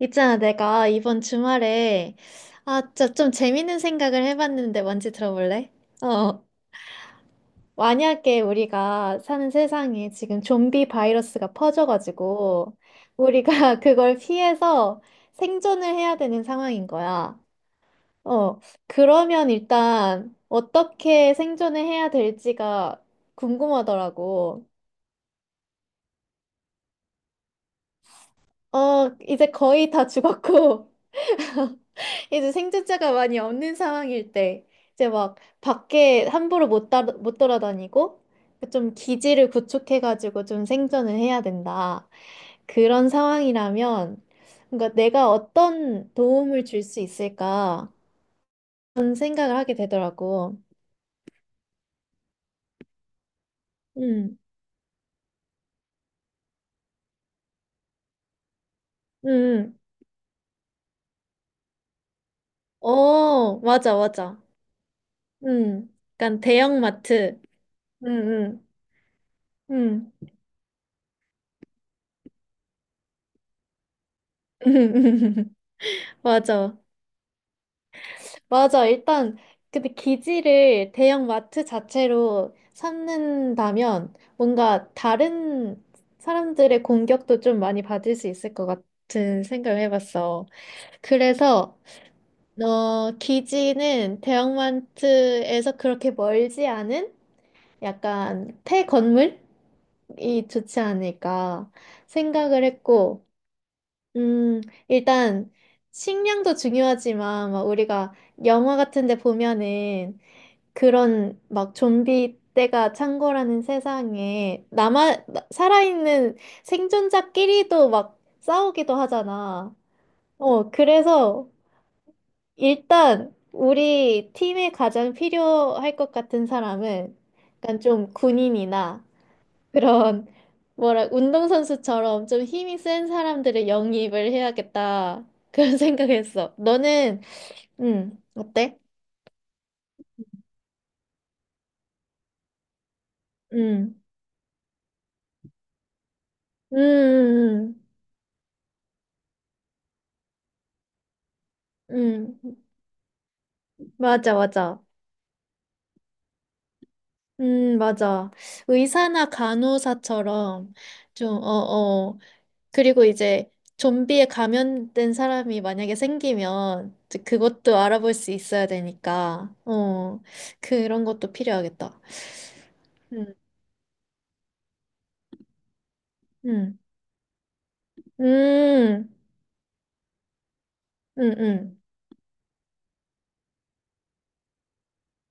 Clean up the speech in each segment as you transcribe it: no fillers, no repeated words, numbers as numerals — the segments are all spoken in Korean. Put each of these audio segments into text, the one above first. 있잖아, 내가 이번 주말에, 좀 재밌는 생각을 해봤는데 뭔지 들어볼래? 어, 만약에 우리가 사는 세상에 지금 좀비 바이러스가 퍼져가지고, 우리가 그걸 피해서 생존을 해야 되는 상황인 거야. 어, 그러면 일단 어떻게 생존을 해야 될지가 궁금하더라고. 어, 이제 거의 다 죽었고, 이제 생존자가 많이 없는 상황일 때 이제 막 밖에 함부로 못 돌아다니고 좀 기지를 구축해가지고 좀 생존을 해야 된다. 그런 상황이라면 뭔가 내가 어떤 도움을 줄 수 있을까? 그런 생각을 하게 되더라고. 음, 음, 음. 어, 맞아, 맞아. 음, 약간 대형마트. 음, 음, 음. 맞아. 맞아. 일단 근데 기지를 대형 마트 자체로 삼는다면 뭔가 다른 사람들의 공격도 좀 많이 받을 수 있을 것 같은 생각을 해봤어. 그래서 어, 기지는 대형 마트에서 그렇게 멀지 않은 약간 폐 건물이 좋지 않을까 생각을 했고, 음, 일단 식량도 중요하지만 막 우리가 영화 같은 데 보면은 그런 막 좀비 때가 찬 거라는 세상에 살아있는 생존자끼리도 막 싸우기도 하잖아. 어, 그래서 일단 우리 팀에 가장 필요할 것 같은 사람은 약간 좀 군인이나 그런 뭐라 운동선수처럼 좀 힘이 센 사람들을 영입을 해야겠다. 그런 생각했어. 너는 어때? 응. 음. 음. 음. 음. 음. 맞아, 맞아. 맞아. 의사나 간호사처럼 좀, 어, 어. 그리고 이제 좀비에 감염된 사람이 만약에 생기면 이제 그것도 알아볼 수 있어야 되니까, 어, 그런 것도 필요하겠다. 음, 음, 음, 음, 음,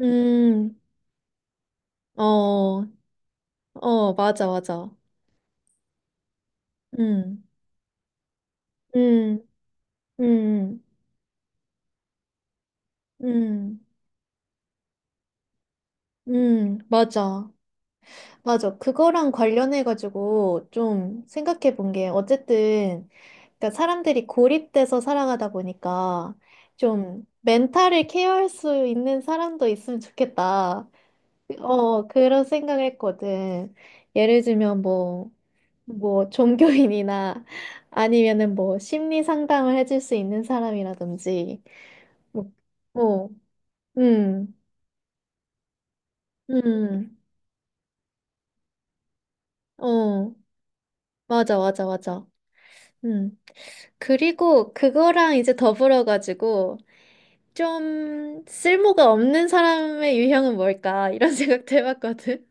음, 어, 어, 맞아, 맞아. 음, 음, 음, 음, 맞아. 맞아. 그거랑 관련해가지고 좀 생각해 본 게, 어쨌든, 그러니까 사람들이 고립돼서 살아가다 보니까 좀 멘탈을 케어할 수 있는 사람도 있으면 좋겠다. 어, 그런 생각을 했거든. 예를 들면 뭐, 뭐, 종교인이나 아니면은 뭐, 심리 상담을 해줄 수 있는 사람이라든지, 뭐, 뭐, 음, 음, 어, 맞아, 맞아, 맞아. 음. 그리고 그거랑 이제 더불어 가지고 좀 쓸모가 없는 사람의 유형은 뭘까 이런 생각도 해봤거든.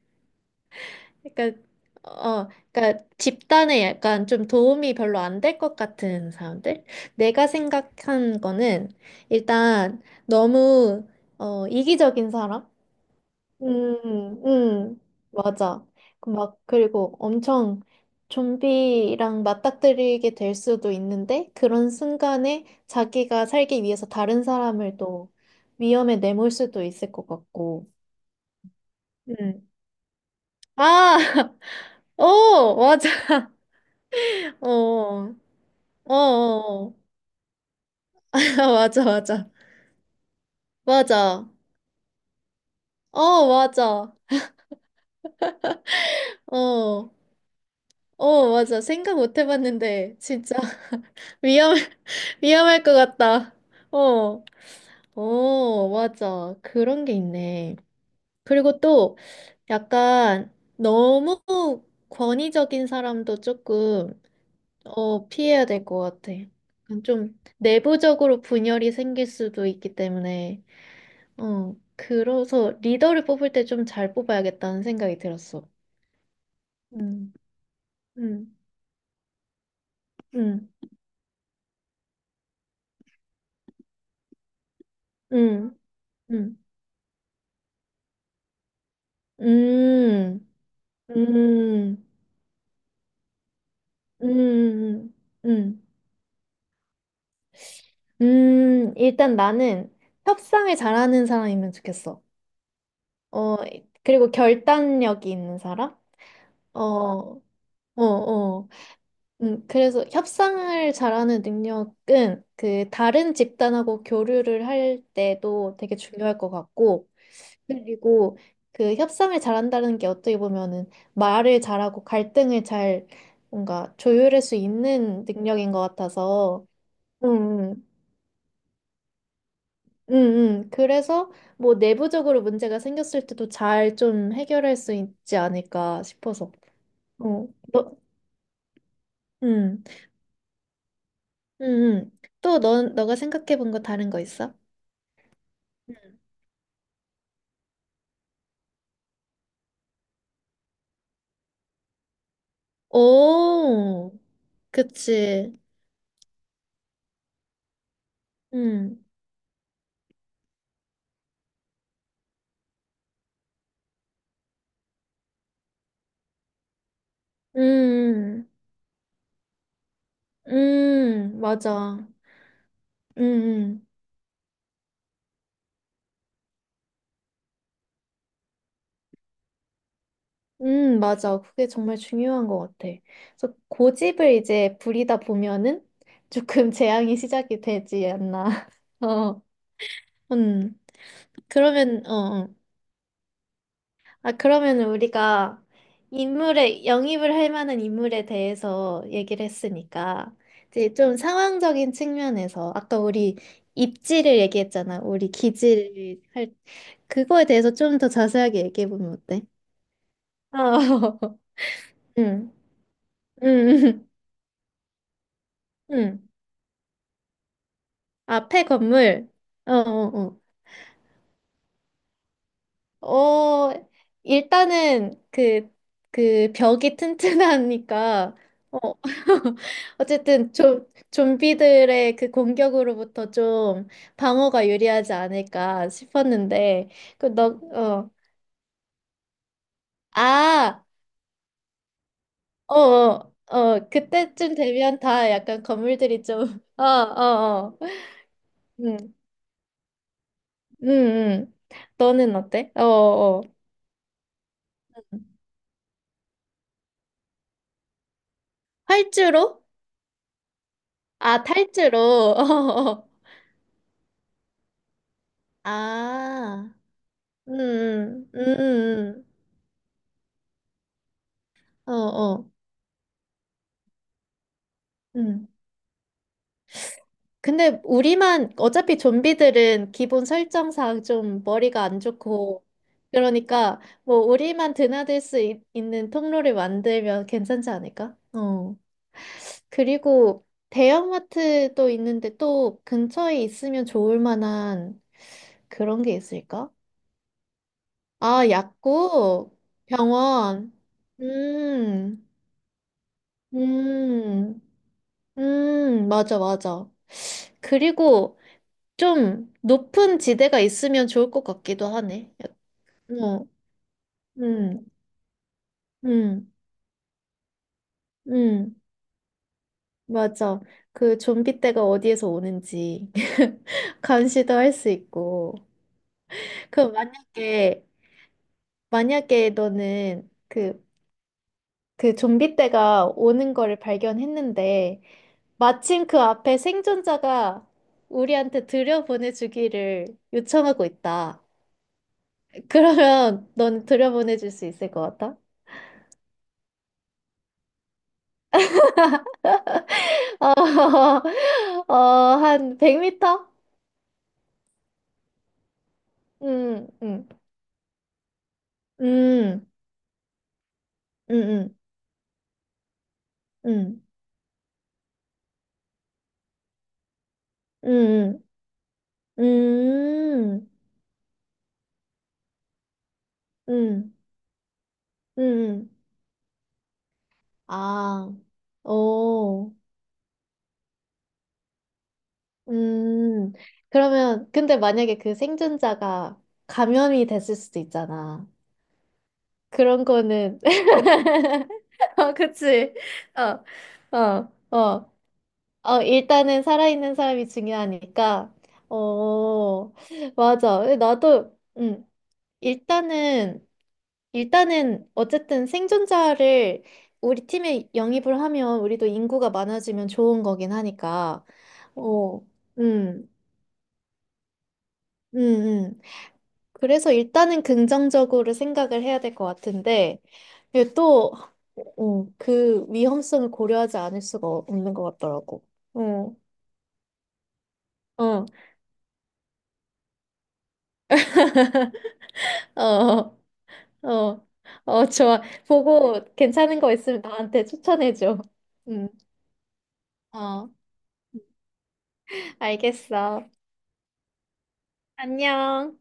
그러니까 어, 그러니까 집단에 약간 좀 도움이 별로 안 될 것 같은 사람들. 내가 생각한 거는 일단 너무 어, 이기적인 사람. 음, 음, 맞아. 그 막, 그리고 엄청 좀비랑 맞닥뜨리게 될 수도 있는데, 그런 순간에 자기가 살기 위해서 다른 사람을 또 위험에 내몰 수도 있을 것 같고. 음. 아, 오, 맞아. 어, 어, 어. 맞아, 맞아. 맞아. 어, 맞아. 어, 어, 맞아. 생각 못 해봤는데, 진짜 위험, 위험할 것 같다. 어. 어, 맞아. 그런 게 있네. 그리고 또 약간 너무 권위적인 사람도 조금 어, 피해야 될 것 같아. 약간 좀 내부적으로 분열이 생길 수도 있기 때문에 어, 그래서 리더를 뽑을 때 좀 잘 뽑아야겠다는 생각이 들었어. 음, 음, 음, 음, 음, 음, 음, 음, 음, 음. 일단 나는 협상을 잘하는 사람이면 좋겠어. 어, 그리고 결단력이 있는 사람? 어, 어, 어. 그래서 협상을 잘하는 능력은 그 다른 집단하고 교류를 할 때도 되게 중요할 것 같고, 그리고 그 협상을 잘한다는 게 어떻게 보면은 말을 잘하고 갈등을 잘 뭔가 조율할 수 있는 능력인 것 같아서, 음, 음. 음, 그래서 뭐 내부적으로 문제가 생겼을 때도 잘 좀 해결할 수 있지 않을까 싶어서. 어, 너, 음, 음, 또 너, 너가 생각해 본 거 다른 거 있어? 음. 오, 그치. 음, 음, 맞아. 음, 음, 맞아. 그게 정말 중요한 것 같아. 그래서 고집을 이제 부리다 보면은 조금 재앙이 시작이 되지 않나. 어, 음. 그러면, 어, 어. 아, 그러면 우리가 인물에, 영입을 할 만한 인물에 대해서 얘기를 했으니까, 이제 좀 상황적인 측면에서, 아까 우리 입지를 얘기했잖아. 우리 기지를 할, 그거에 대해서 좀 더 자세하게 얘기해보면 어때? 어, 응, 응, 응. 앞에 건물, 어, 어, 어. 어, 일단은 그, 그 벽이 튼튼하니까, 어, 어쨌든 좀, 좀비들의 그 공격으로부터 좀 방어가 유리하지 않을까 싶었는데, 그, 너, 어, 아, 어, 어, 어, 그때쯤 되면 다 약간 건물들이 좀, 어, 어, 어, 응, 응, 응. 너는 어때? 어, 어. 활주로? 아, 탈주로. 어, 어. 아. 음, 음, 음, 어, 어, 음. 근데 우리만 어차피 좀비들은 기본 설정상 좀 머리가 안 좋고 그러니까 뭐 우리만 드나들 수 있, 는 통로를 만들면 괜찮지 않을까? 어. 그리고 대형마트도 있는데 또 근처에 있으면 좋을 만한 그런 게 있을까? 아, 약국, 병원. 음, 음. 맞아, 맞아. 그리고 좀 높은 지대가 있으면 좋을 것 같기도 하네. 어, 음, 음, 음, 맞아. 그 좀비 떼가 어디에서 오는지 감시도 할 수 있고. 그럼 만약에, 만약에 너는 그, 그 좀비 떼가 오는 거를 발견했는데, 마침 그 앞에 생존자가 우리한테 들여보내주기를 요청하고 있다. 그러면 넌 들여보내줄 수 있을 것 같아? 어, 어, 한 100m? 음, 음, 음, 음, 음, 음, 음, 음, 음, 음. 음. 아, 오, 음. 그러면, 근데 만약에 그 생존자가 감염이 됐을 수도 있잖아. 그런 거는, 어, 그치. 어, 어, 어. 어, 일단은 살아있는 사람이 중요하니까. 어, 맞아. 나도, 일단은, 일단은, 어쨌든 생존자를 우리 팀에 영입을 하면 우리도 인구가 많아지면 좋은 거긴 하니까. 어, 음, 음, 음. 그래서 일단은 긍정적으로 생각을 해야 될 것 같은데, 이게 또, 어, 그 위험성을 고려하지 않을 수가 없는 것 같더라고. 어, 어, 어. 어, 어, 좋아. 보고 괜찮은 거 있으면 나한테 추천해줘. 응, 어, 알겠어. 안녕.